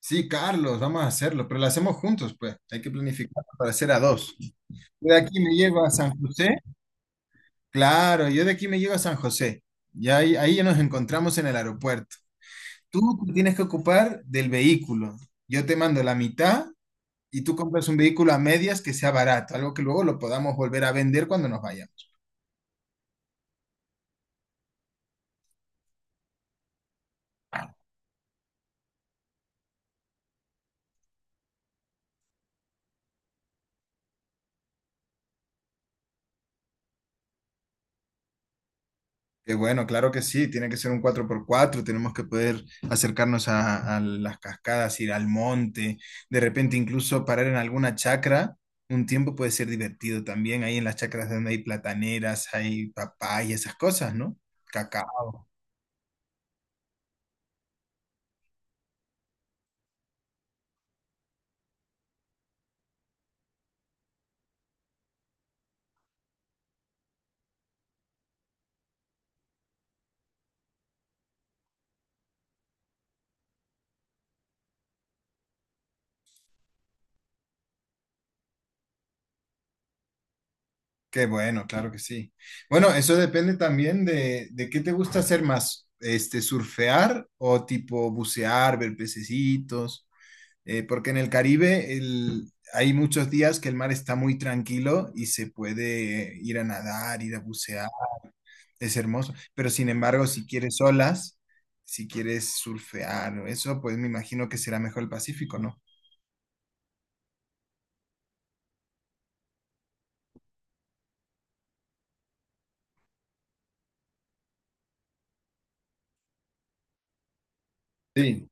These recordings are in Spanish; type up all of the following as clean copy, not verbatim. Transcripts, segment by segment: Sí, Carlos, vamos a hacerlo, pero lo hacemos juntos, pues. Hay que planificar para hacer a dos. Yo de aquí me llevo a San José. Claro, yo de aquí me llevo a San José. Ya ahí, ahí ya nos encontramos en el aeropuerto. Tú te tienes que ocupar del vehículo. Yo te mando la mitad y tú compras un vehículo a medias que sea barato, algo que luego lo podamos volver a vender cuando nos vayamos. Qué bueno, claro que sí, tiene que ser un 4x4. Tenemos que poder acercarnos a las cascadas, ir al monte, de repente incluso parar en alguna chacra, un tiempo puede ser divertido también, ahí en las chacras donde hay plataneras, hay papaya, esas cosas, ¿no? Cacao, qué bueno, claro que sí. Bueno, eso depende también de qué te gusta hacer más, surfear o tipo bucear, ver pececitos. Porque en el Caribe hay muchos días que el mar está muy tranquilo y se puede ir a nadar, ir a bucear, es hermoso. Pero sin embargo, si quieres olas, si quieres surfear o eso, pues me imagino que será mejor el Pacífico, ¿no? Sí.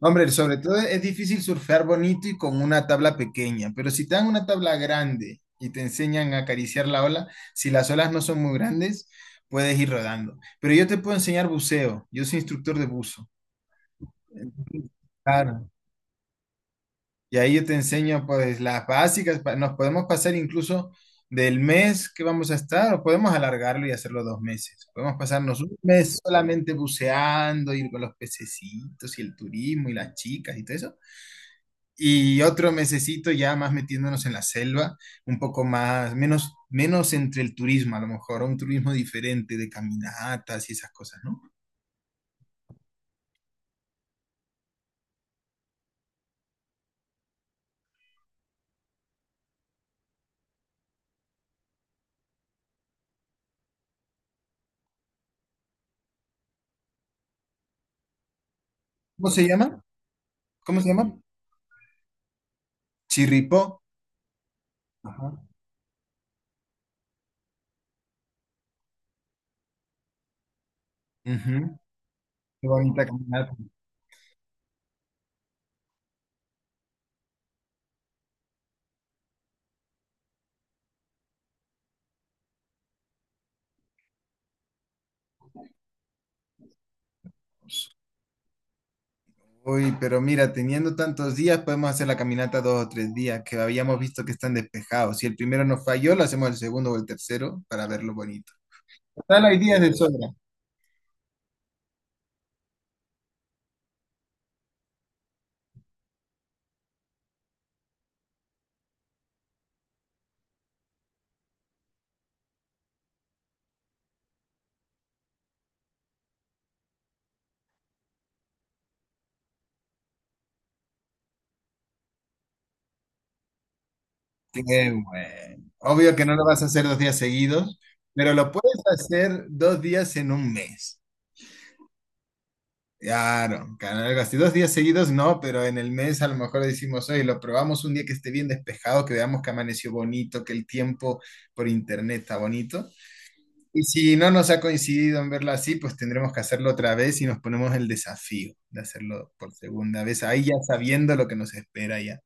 Hombre, sobre todo es difícil surfear bonito y con una tabla pequeña, pero si te dan una tabla grande y te enseñan a acariciar la ola, si las olas no son muy grandes, puedes ir rodando. Pero yo te puedo enseñar buceo, yo soy instructor de buzo. Claro. Y ahí yo te enseño pues las básicas. Nos podemos pasar incluso del mes que vamos a estar o podemos alargarlo y hacerlo 2 meses. Podemos pasarnos un mes solamente buceando, ir con los pececitos y el turismo y las chicas y todo eso. Y otro mesecito ya más metiéndonos en la selva, un poco más, menos entre el turismo, a lo mejor un turismo diferente de caminatas y esas cosas, ¿no? ¿Cómo se llama? ¿Cómo se llama? Chirripó. Ajá. Ujú. Qué bonita caminata. Uy, pero mira, teniendo tantos días, podemos hacer la caminata 2 o 3 días, que habíamos visto que están despejados. Si el primero nos falló, lo hacemos el segundo o el tercero para verlo bonito. Total, hay días de sobra. Qué bueno. Obvio que no lo vas a hacer 2 días seguidos, pero lo puedes hacer 2 días en un mes. Claro, claro, algo así. 2 días seguidos no, pero en el mes a lo mejor decimos, oye, lo probamos un día que esté bien despejado, que veamos que amaneció bonito, que el tiempo por internet está bonito. Y si no nos ha coincidido en verla así, pues tendremos que hacerlo otra vez y nos ponemos el desafío de hacerlo por segunda vez, ahí ya sabiendo lo que nos espera ya.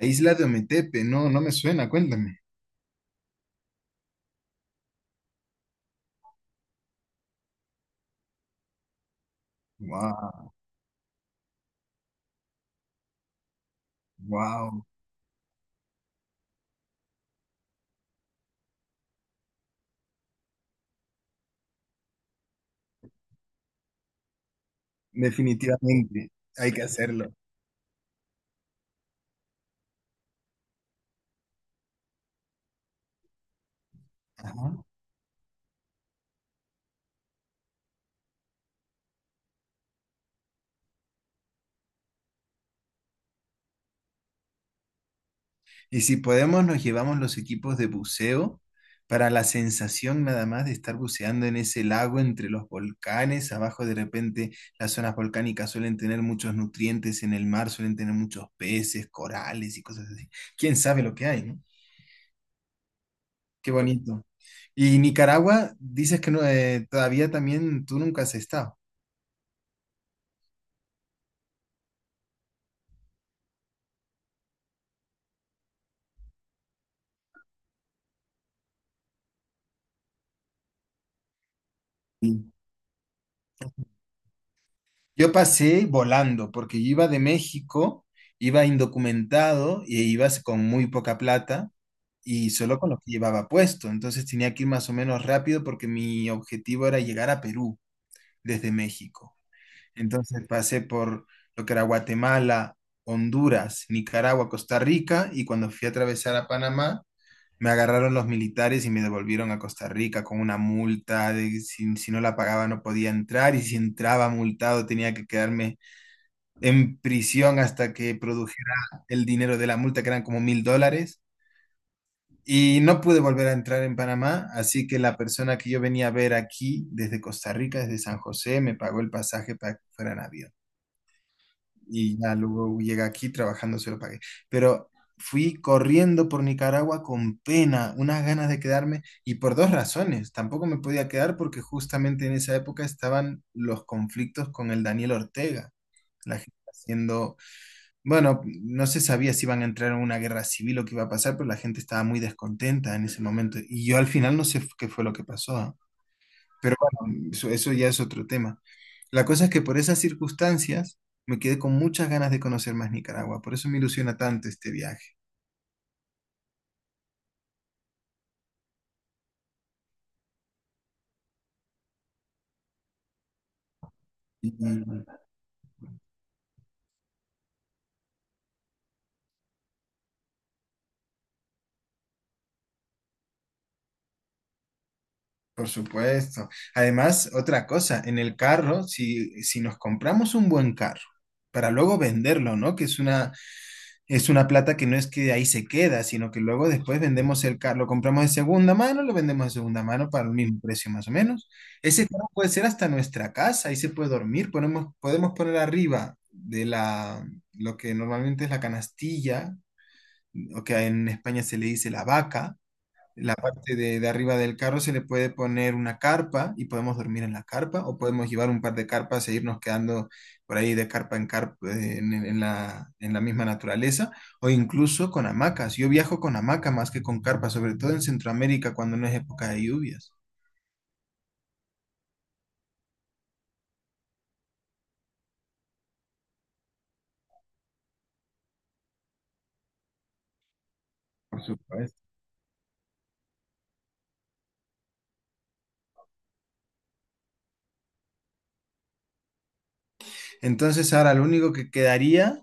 La isla de Ometepe, no, no me suena, cuéntame. Wow, wow, definitivamente hay que hacerlo. Ajá. Y si podemos, nos llevamos los equipos de buceo para la sensación nada más de estar buceando en ese lago entre los volcanes. Abajo de repente las zonas volcánicas suelen tener muchos nutrientes en el mar, suelen tener muchos peces, corales y cosas así. ¿Quién sabe lo que hay, no? Qué bonito. Y Nicaragua, dices que no, todavía también tú nunca has estado. Yo pasé volando porque yo iba de México, iba indocumentado y iba con muy poca plata y solo con lo que llevaba puesto. Entonces tenía que ir más o menos rápido porque mi objetivo era llegar a Perú desde México. Entonces pasé por lo que era Guatemala, Honduras, Nicaragua, Costa Rica y cuando fui a atravesar a Panamá, me agarraron los militares y me devolvieron a Costa Rica con una multa de si no la pagaba no podía entrar y si entraba multado tenía que quedarme en prisión hasta que produjera el dinero de la multa, que eran como 1000 dólares. Y no pude volver a entrar en Panamá, así que la persona que yo venía a ver aquí desde Costa Rica, desde San José, me pagó el pasaje para que fuera en avión. Y ya luego llegué aquí trabajando, se lo pagué. Pero fui corriendo por Nicaragua con pena, unas ganas de quedarme, y por dos razones. Tampoco me podía quedar porque justamente en esa época estaban los conflictos con el Daniel Ortega, la gente haciendo, bueno, no se sabía si iban a entrar en una guerra civil o qué iba a pasar, pero la gente estaba muy descontenta en ese momento. Y yo al final no sé qué fue lo que pasó. ¿Ah? Pero bueno, eso ya es otro tema. La cosa es que por esas circunstancias me quedé con muchas ganas de conocer más Nicaragua. Por eso me ilusiona tanto este viaje. Y, por supuesto. Además, otra cosa, en el carro, si nos compramos un buen carro, para luego venderlo, ¿no? Es una plata que no es que ahí se queda, sino que luego después vendemos el carro, lo compramos de segunda mano, lo vendemos de segunda mano para el mismo precio más o menos. Ese carro puede ser hasta nuestra casa, ahí se puede dormir, podemos poner arriba de la, lo que normalmente es la canastilla, o que en España se le dice la vaca, la parte de arriba del carro se le puede poner una carpa y podemos dormir en la carpa o podemos llevar un par de carpas e irnos quedando por ahí de carpa en carpa, en la misma naturaleza o incluso con hamacas. Yo viajo con hamaca más que con carpa, sobre todo en Centroamérica cuando no es época de lluvias. Por supuesto. Entonces, ahora lo único que quedaría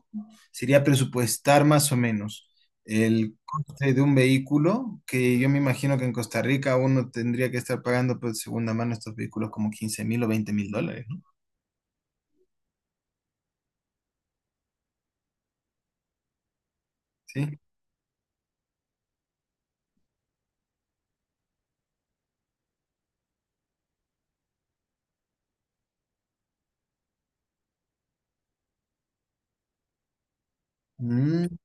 sería presupuestar más o menos el coste de un vehículo, que yo me imagino que en Costa Rica uno tendría que estar pagando por segunda mano estos vehículos como 15000 o 20000 dólares, ¿no? Sí. Mm,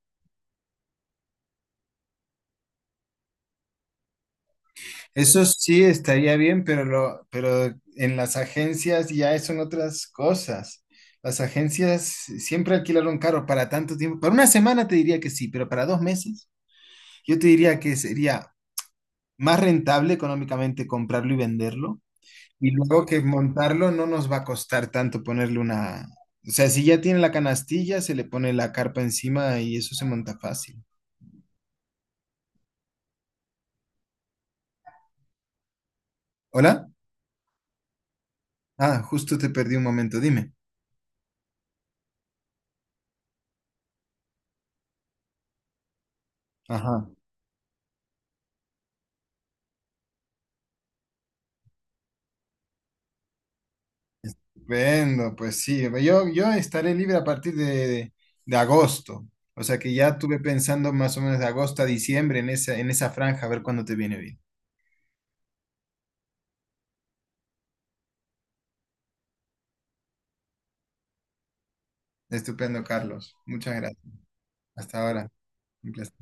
eso sí estaría bien, pero en las agencias ya son otras cosas. Las agencias siempre alquilaron carro para tanto tiempo. Para una semana te diría que sí, pero para 2 meses yo te diría que sería más rentable económicamente comprarlo y venderlo. Y luego que montarlo no nos va a costar tanto ponerle una... O sea, si ya tiene la canastilla, se le pone la carpa encima y eso se monta fácil. ¿Hola? Ah, justo te perdí un momento, dime. Ajá. Vendo, pues sí. Yo estaré libre a partir de agosto. O sea que ya estuve pensando más o menos de agosto a diciembre en esa franja, a ver cuándo te viene bien. Estupendo, Carlos. Muchas gracias. Hasta ahora. Un placer.